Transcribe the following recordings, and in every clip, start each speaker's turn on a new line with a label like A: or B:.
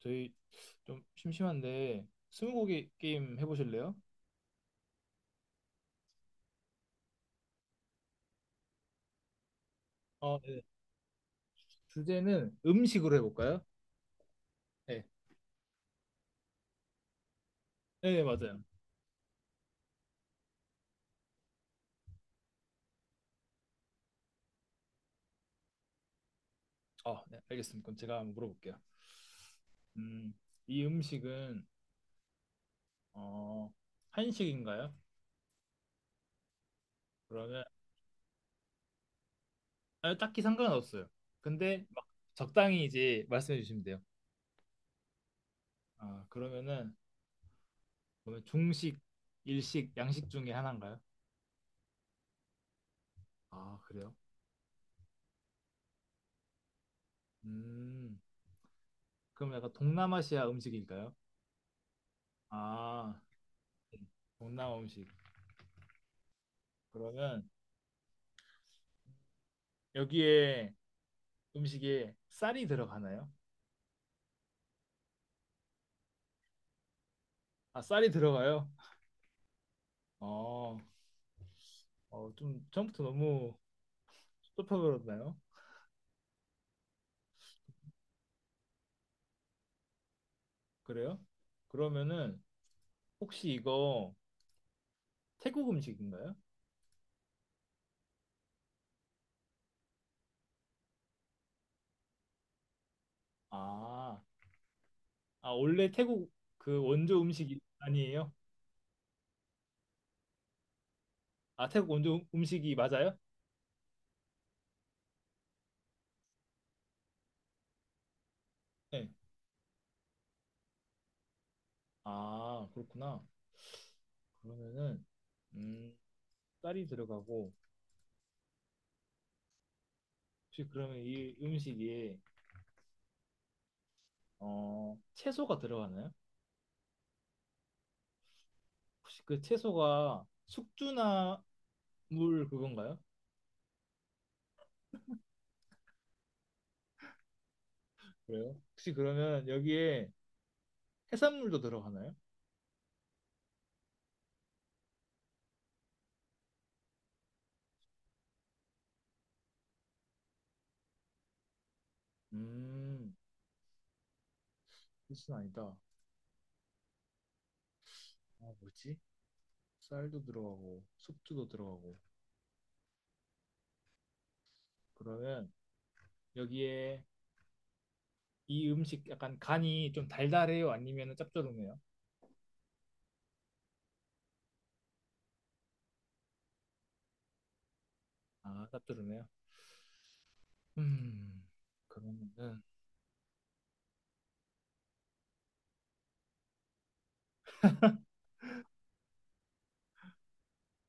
A: 저희 좀 심심한데 스무고개 게임 해보실래요? 네. 주제는 음식으로 해볼까요? 네, 네 맞아요. 네, 알겠습니다. 그럼 제가 한번 물어볼게요. 음, 이 음식은 어, 한식인가요? 그러면 아, 딱히 상관없어요. 근데 막 적당히 이제 말씀해 주시면 돼요. 아, 그러면은 그러면 중식, 일식, 양식 중에 하나인가요? 아, 그래요? 음, 그럼 약간 동남아시아 음식일까요? 아, 네. 동남아 음식. 그러면 여기에 음식에 쌀이 들어가나요? 아, 쌀이 들어가요? 어, 좀 처음부터 너무 섭섭해버렸나요? 그래요? 그러면은 혹시 이거 태국 음식인가요? 아, 아, 원래 태국 그 원조 음식이 아니에요? 아, 태국 원조 음식이 맞아요? 네. 아, 그렇구나. 그러면은 음, 쌀이 들어가고 혹시 그러면 이 음식에 채소가 들어가나요? 혹시 그 채소가 숙주나물 그건가요? 그래요? 혹시 그러면 여기에 해산물도 들어가나요? 음, 필수는 아니다. 아, 뭐지? 쌀도 들어가고 숙주도 들어가고 그러면 여기에 이 음식 약간 간이 좀 달달해요? 아니면 짭조름해요? 아, 짭조름해요? 음, 그러면은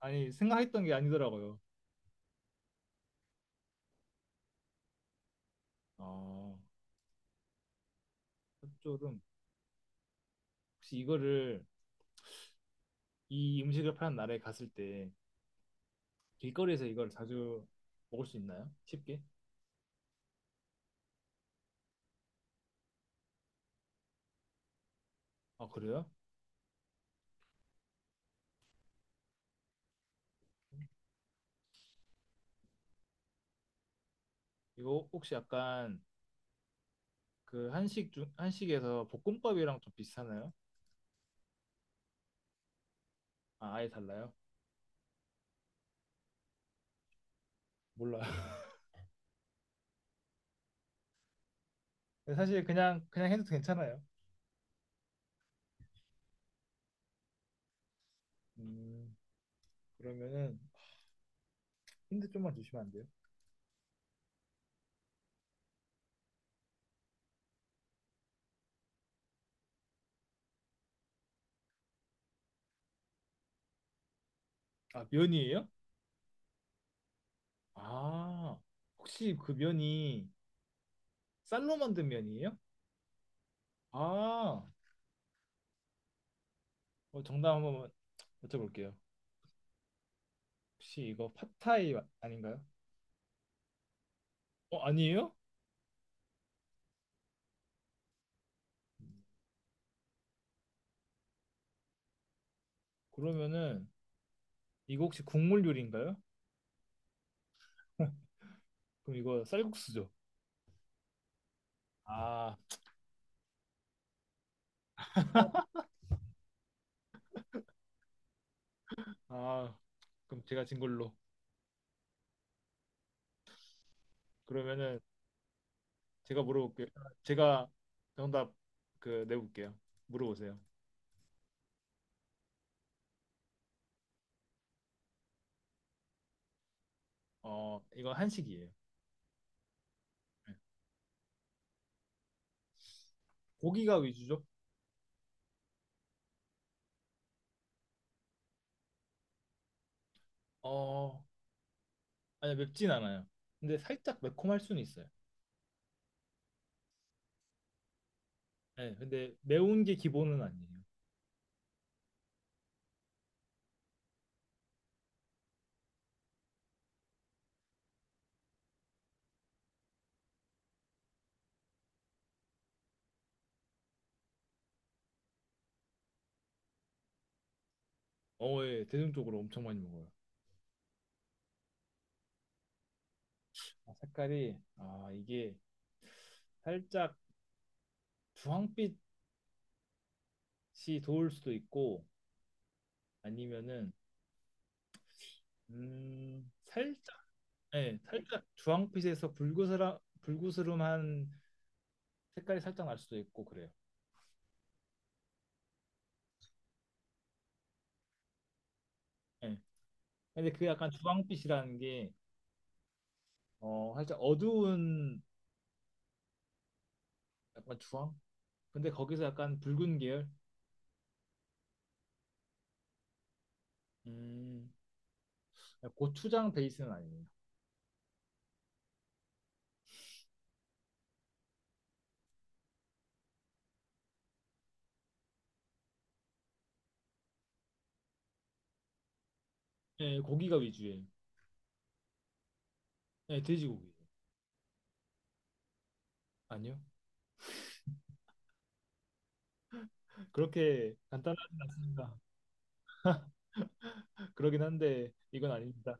A: 아니 생각했던 게 아니더라고요. 아 짭조름. 혹시 이거를 이 음식을 파는 나라에 갔을 때 길거리에서 이걸 자주 먹을 수 있나요? 쉽게? 아, 그래요? 이거 혹시 약간 그 한식 중 한식에서 볶음밥이랑 좀 비슷하나요? 아, 아예 달라요? 몰라요. 근데 사실 그냥 해도 괜찮아요. 음, 그러면은 힌트 좀만 주시면 안 돼요? 아, 면이에요? 아, 혹시 그 면이 쌀로 만든 면이에요? 아, 정답 한번 여쭤볼게요. 혹시 이거 팟타이 아닌가요? 어, 아니에요? 그러면은 이거 혹시 국물 요리인가요? 그럼 이거 쌀국수죠. 아, 아, 그럼 제가 진 걸로. 그러면은 제가 물어볼게요. 제가 정답 그 내볼게요. 물어보세요. 이거 한식이에요. 네. 고기가 위주죠? 어, 아니 맵진 않아요. 근데 살짝 매콤할 수는 있어요. 네, 근데 매운 게 기본은 아니에요. 어, 예, 대중적으로 엄청 많이 먹어요. 아, 색깔이 아 이게 살짝 주황빛이 도울 수도 있고 아니면은 살짝 네, 살짝 주황빛에서 불그스라, 불그스름한 색깔이 살짝 날 수도 있고 그래요. 네. 근데 그 약간 주황빛이라는 게 살짝 어두운 약간 주황? 근데 거기서 약간 붉은 계열? 음, 고추장 베이스는 아니에요. 네, 고기가 위주예요. 네, 돼지고기. 아니요. 그렇게 간단하진 않습니다. 그러긴 한데 이건 아닙니다.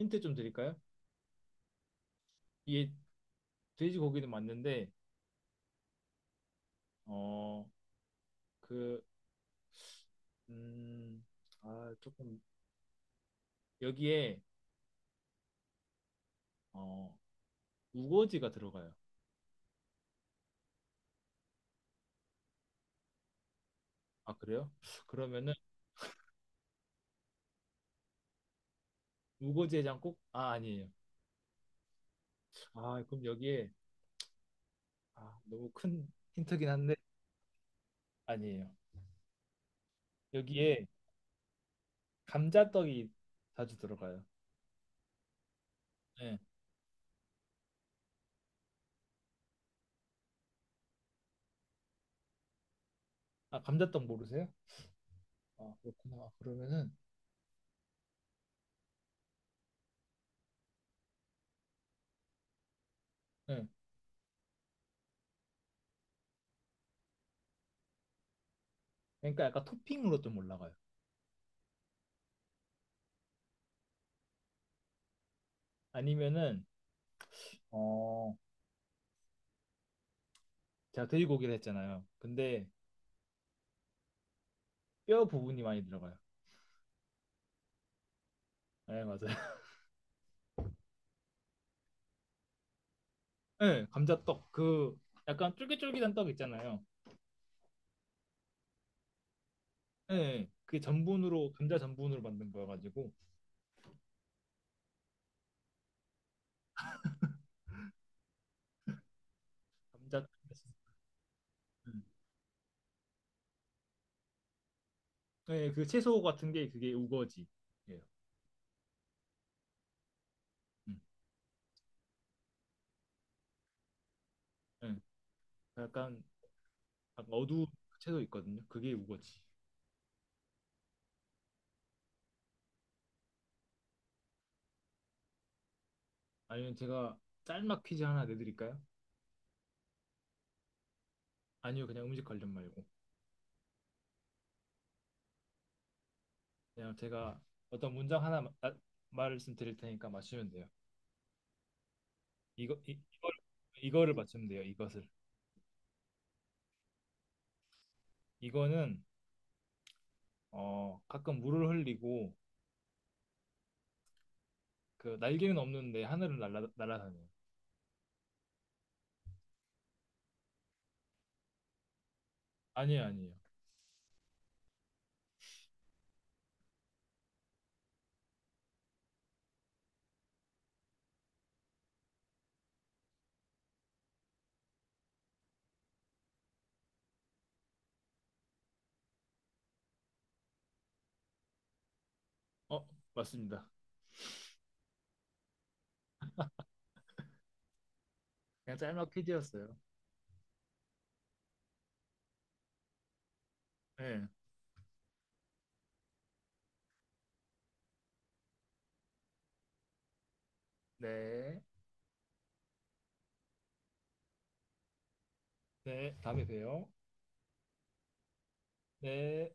A: 힌트 좀 드릴까요? 이게 돼지고기는 맞는데 어, 그 음, 아, 조금 여기에 어, 우거지가 들어가요. 아, 그래요? 그러면은 우거지 해장국? 아, 아니에요. 아, 그럼 여기에 아, 너무 큰 힌트긴 한데 아니에요. 여기에 감자떡이 자주 들어가요. 네. 아, 감자떡 모르세요? 아, 그렇구나. 아, 그러면은 네. 그러니까 약간 토핑으로 좀 올라가요. 아니면은 어, 제가 돼지고기를 했잖아요. 근데 뼈 부분이 많이 들어가요. 네, 맞아요. 네, 감자떡 그 약간 쫄깃쫄깃한 떡 있잖아요. 네, 그게 전분으로 감자 전분으로 만든 거여가지고 감자 음. 네, 그 채소 같은 게 그게 우거지예요. 음. 네, 약간 약간 어두운 채소 있거든요. 그게 우거지. 아니면 제가 짤막 퀴즈 하나 내드릴까요? 아니요, 그냥 음식 관련 말고 그냥 제가 어떤 문장 하나 아, 말씀드릴 테니까 맞추면 돼요. 이걸 이거를 맞추면 돼요. 이것을 이거는 어 가끔 물을 흘리고 그 날개는 없는데 하늘을 날아다녀요. 아니에요, 아니에요. 어, 맞습니다. 그냥 짤막 퀴즈였어요. 네. 네. 네. 다음에 봬요. 네.